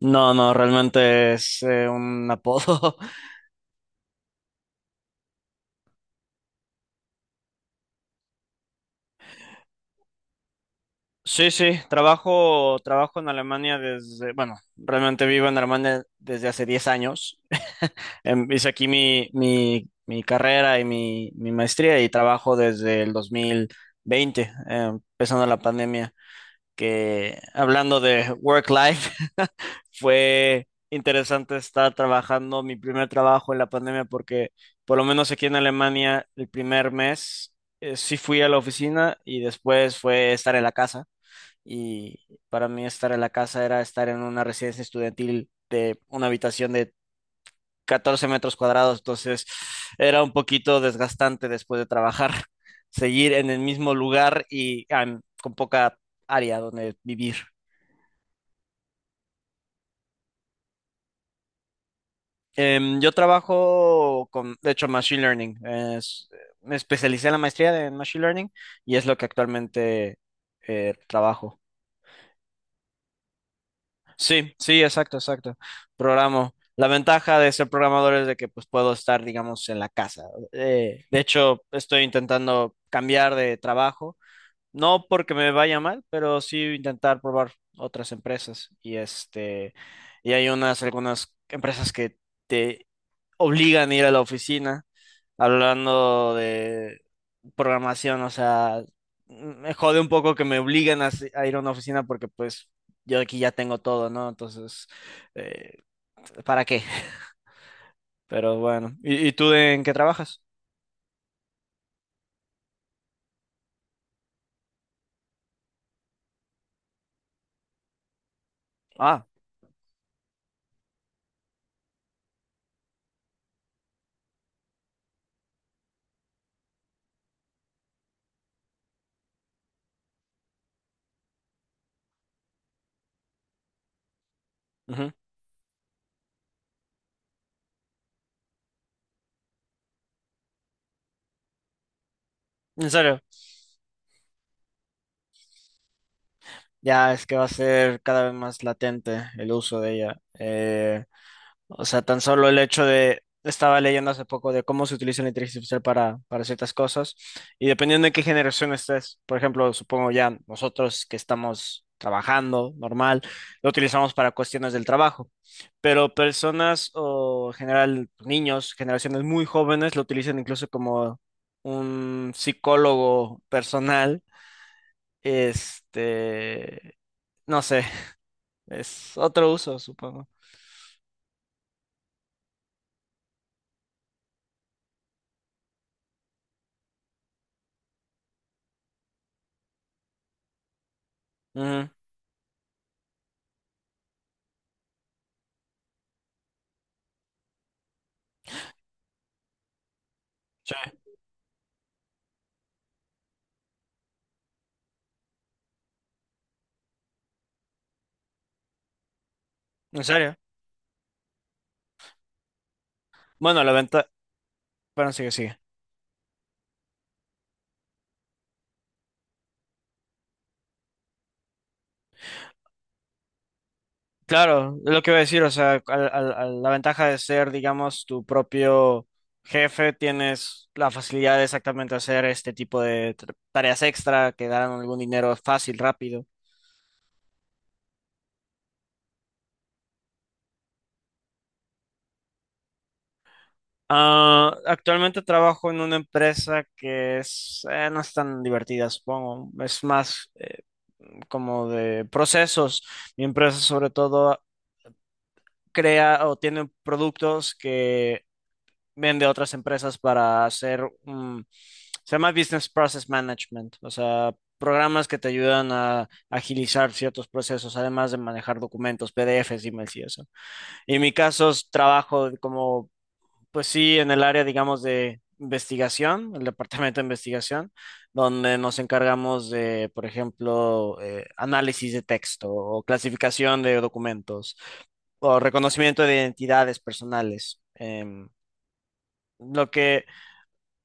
No, no, realmente es un apodo. Sí, sí, trabajo en Alemania desde, bueno, realmente vivo en Alemania desde hace 10 años. Hice aquí mi carrera y mi maestría y trabajo desde el 2020, empezando la pandemia, que hablando de work-life, fue interesante estar trabajando mi primer trabajo en la pandemia porque por lo menos aquí en Alemania el primer mes sí fui a la oficina y después fue estar en la casa y para mí estar en la casa era estar en una residencia estudiantil de una habitación de 14 metros cuadrados, entonces era un poquito desgastante después de trabajar, seguir en el mismo lugar y con poca área donde vivir. Yo trabajo con, de hecho, Machine Learning. Me especialicé en la maestría en Machine Learning y es lo que actualmente trabajo. Sí, sí, exacto, exacto. Programo. La ventaja de ser programador es de que pues puedo estar, digamos, en la casa. De hecho, estoy intentando cambiar de trabajo. No porque me vaya mal, pero sí intentar probar otras empresas. Y este, y hay unas, algunas empresas que te obligan a ir a la oficina hablando de programación, o sea, me jode un poco que me obligan a, a ir a una oficina porque pues yo aquí ya tengo todo, ¿no? Entonces, eh, ¿para qué? Pero bueno, y tú en qué trabajas? Ah, ujú. En serio, ya es que va a ser cada vez más latente el uso de ella. O sea, tan solo el hecho de, estaba leyendo hace poco de cómo se utiliza la inteligencia artificial para ciertas cosas y dependiendo de qué generación estés, por ejemplo, supongo ya nosotros que estamos trabajando normal, lo utilizamos para cuestiones del trabajo, pero personas o en general niños, generaciones muy jóvenes lo utilizan incluso como un psicólogo personal, este, no sé, es otro uso, supongo. Ujú, sí, en serio. Bueno, la venta Bueno, sigue, sigue. Claro, es lo que iba a decir, o sea, la ventaja de ser, digamos, tu propio jefe, tienes la facilidad de exactamente hacer este tipo de tareas extra que darán algún dinero fácil, rápido. Ah, actualmente trabajo en una empresa que es, no es tan divertida, supongo, es más como de procesos. Mi empresa sobre todo crea o tiene productos que vienen de otras empresas para hacer, se llama Business Process Management, o sea, programas que te ayudan a agilizar ciertos procesos, además de manejar documentos, PDFs, emails y eso. Y en mi caso, es trabajo como, pues sí, en el área, digamos, de investigación, el departamento de investigación, donde nos encargamos de, por ejemplo, análisis de texto o clasificación de documentos o reconocimiento de identidades personales. Em, lo que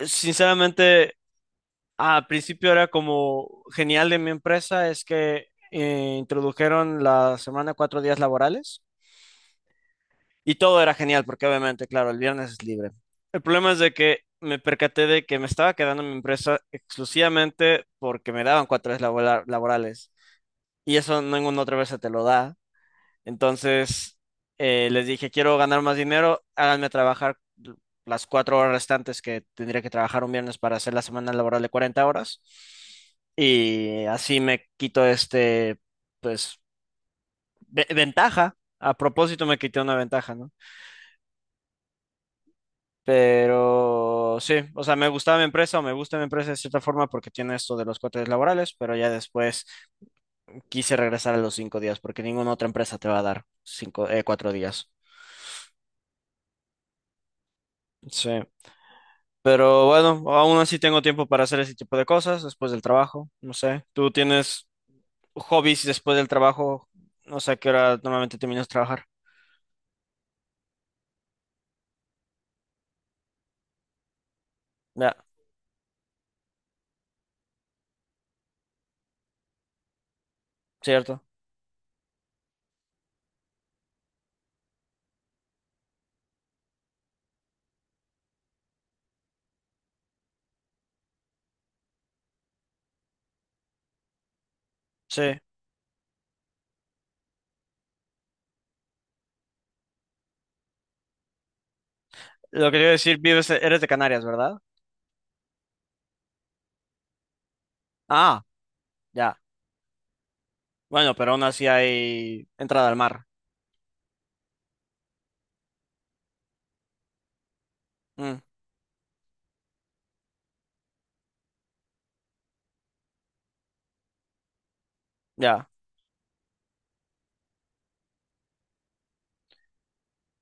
Sinceramente, al principio era como genial de mi empresa, es que introdujeron la semana 4 días laborales y todo era genial porque obviamente, claro, el viernes es libre. El problema es de que me percaté de que me estaba quedando en mi empresa exclusivamente porque me daban 4 días laborales y eso ninguna otra vez se te lo da. Entonces, les dije, quiero ganar más dinero, háganme trabajar las 4 horas restantes que tendría que trabajar un viernes para hacer la semana laboral de 40 horas. Y así me quito este, pues, ventaja. A propósito, me quité una ventaja, ¿no? Pero sí, o sea, me gustaba mi empresa o me gusta mi empresa de cierta forma porque tiene esto de los 4 días laborales, pero ya después quise regresar a los 5 días porque ninguna otra empresa te va a dar 5, 4 días. Sí. Pero bueno, aún así tengo tiempo para hacer ese tipo de cosas después del trabajo. No sé, ¿tú tienes hobbies después del trabajo? No sé a qué hora normalmente terminas de trabajar. Ya, cierto. Sí. Lo que quiero decir, vives, eres de Canarias, ¿verdad? Ah, ya. Bueno, pero aún así hay entrada al mar. Mm, ya.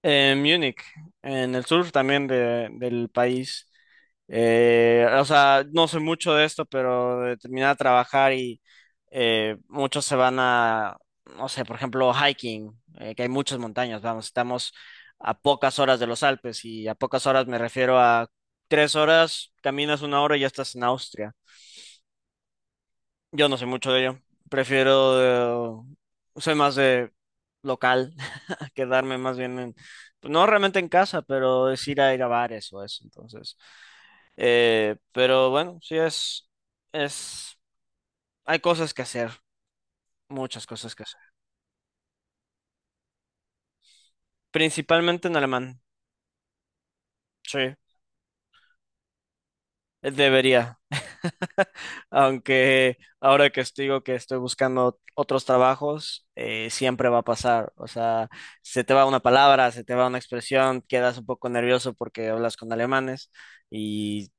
En Múnich, en el sur también del país. O sea, no sé mucho de esto, pero de terminar a trabajar y muchos se van a, no sé, por ejemplo, hiking, que hay muchas montañas, vamos, estamos a pocas horas de los Alpes y a pocas horas me refiero a 3 horas, caminas una hora y ya estás en Austria. Yo no sé mucho de ello, prefiero, soy más de local quedarme más bien en, pues, no realmente en casa, pero es ir a ir a bares o eso, entonces. Pero bueno, es, hay cosas que hacer, muchas cosas que hacer. Principalmente en alemán, sí, debería. Aunque ahora que estoy, digo que estoy buscando otros trabajos, siempre va a pasar. O sea, se te va una palabra, se te va una expresión, quedas un poco nervioso porque hablas con alemanes y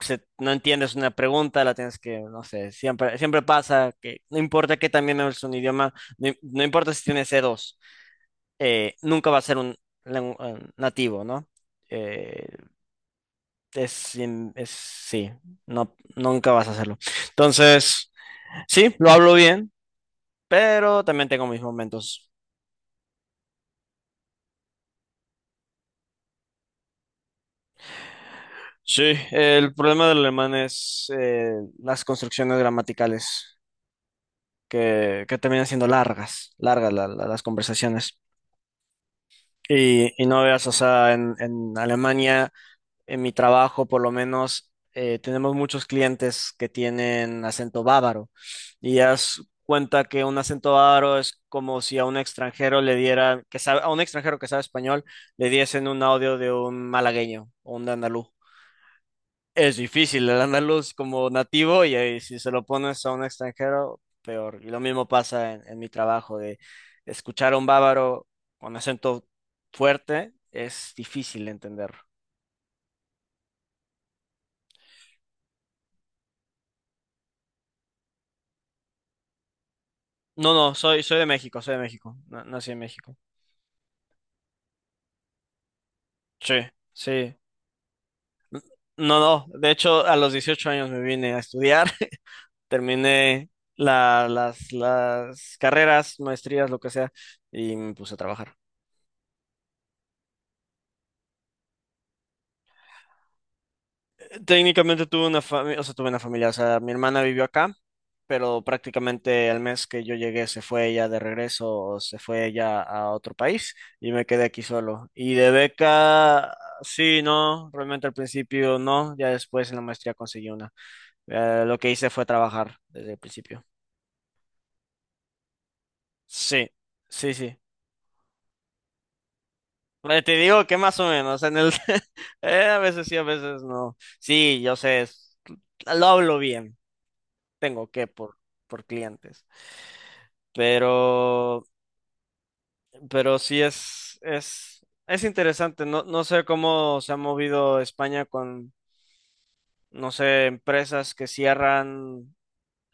no entiendes una pregunta, la tienes que, no sé, siempre, siempre pasa que no importa que también es un idioma, no, no importa si tienes C2 nunca va a ser un, nativo, ¿no? Eh, sí, no, nunca vas a hacerlo. Entonces, sí, lo hablo bien, pero también tengo mis momentos. Sí, el problema del alemán es las construcciones gramaticales que terminan siendo largas, largas las conversaciones. Y no veas, o sea, en Alemania, en mi trabajo por lo menos, tenemos muchos clientes que tienen acento bávaro. Y haz cuenta que un acento bávaro es como si a un extranjero le diera, que sabe, a un extranjero que sabe español, le diesen un audio de un malagueño o un andaluz. Es difícil el andaluz como nativo y, ahí si se lo pones a un extranjero, peor. Y lo mismo pasa en mi trabajo de escuchar a un bávaro con acento fuerte es difícil de entenderlo. No, no, soy de México, nací en México. Sí, sí. No, no, de hecho a los 18 años me vine a estudiar, terminé las carreras, maestrías, lo que sea, y me puse a trabajar. Técnicamente tuve una familia, o sea, tuve una familia, o sea, mi hermana vivió acá. Pero prácticamente el mes que yo llegué se fue ella de regreso, o se fue ella a otro país y me quedé aquí solo. Y de beca, sí, no, realmente al principio no, ya después en la maestría conseguí una. Lo que hice fue trabajar desde el principio. Sí, sí, sí. Te digo que más o menos, en el a veces sí, a veces no. Sí, yo sé, lo hablo bien, tengo que por clientes. Pero pero sí es interesante. No, no sé cómo se ha movido España con, no sé, empresas que cierran.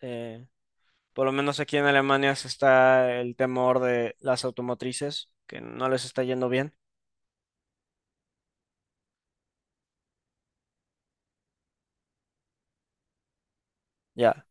eh, por lo menos aquí en Alemania se está el temor de las automotrices, que no les está yendo bien. Ya.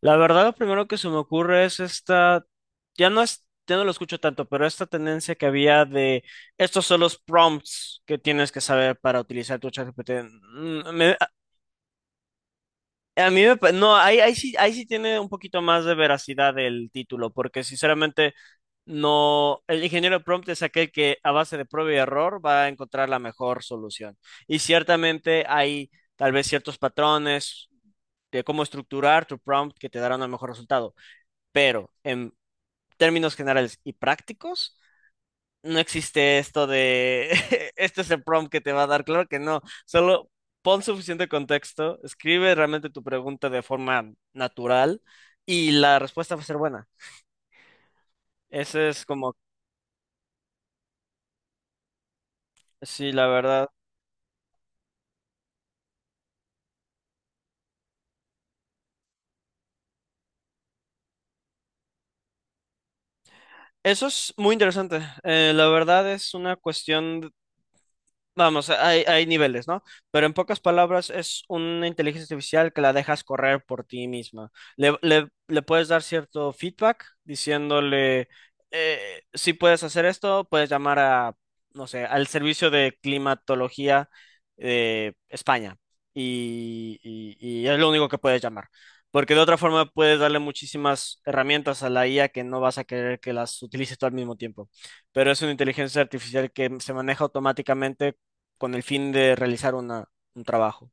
La verdad, lo primero que se me ocurre es esta, ya no es, ya no lo escucho tanto, pero esta tendencia que había de estos son los prompts que tienes que saber para utilizar tu ChatGPT. Mm, me- A mí me no, ahí, ahí sí tiene un poquito más de veracidad el título, porque sinceramente no, el ingeniero prompt es aquel que a base de prueba y error va a encontrar la mejor solución. Y ciertamente hay tal vez ciertos patrones de cómo estructurar tu prompt que te darán un mejor resultado, pero en términos generales y prácticos no existe esto de, este es el prompt que te va a dar, claro que no, solo pon suficiente contexto, escribe realmente tu pregunta de forma natural y la respuesta va a ser buena. Ese es como, sí, la verdad. Eso es muy interesante. La verdad es una cuestión. Vamos, hay niveles, ¿no? Pero en pocas palabras, es una inteligencia artificial que la dejas correr por ti misma. Le puedes dar cierto feedback diciéndole, si puedes hacer esto, puedes llamar a, no sé, al servicio de climatología de España. Y, y- y es lo único que puedes llamar. Porque de otra forma puedes darle muchísimas herramientas a la IA que no vas a querer que las utilices tú al mismo tiempo pero es una inteligencia artificial que se maneja automáticamente con el fin de realizar una, un trabajo.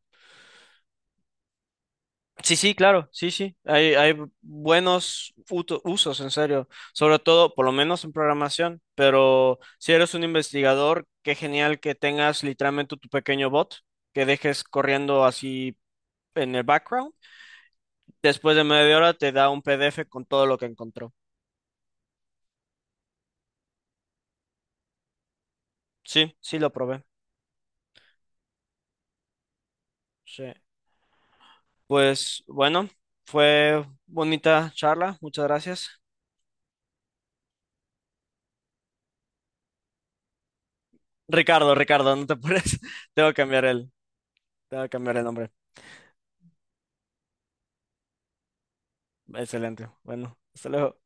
Sí, sí, claro, sí, sí. Hay buenos usos, en serio. Sobre todo, por lo menos en programación. Pero si eres un investigador, qué genial que tengas literalmente tu pequeño bot que dejes corriendo así en el background. Después de media hora te da un PDF con todo lo que encontró. Sí, sí, lo probé. Sí. Pues bueno, fue bonita charla. Muchas gracias. Ricardo, Ricardo, no te apures. Tengo que cambiar él. Tengo que cambiar el nombre. Excelente. Bueno, hasta luego.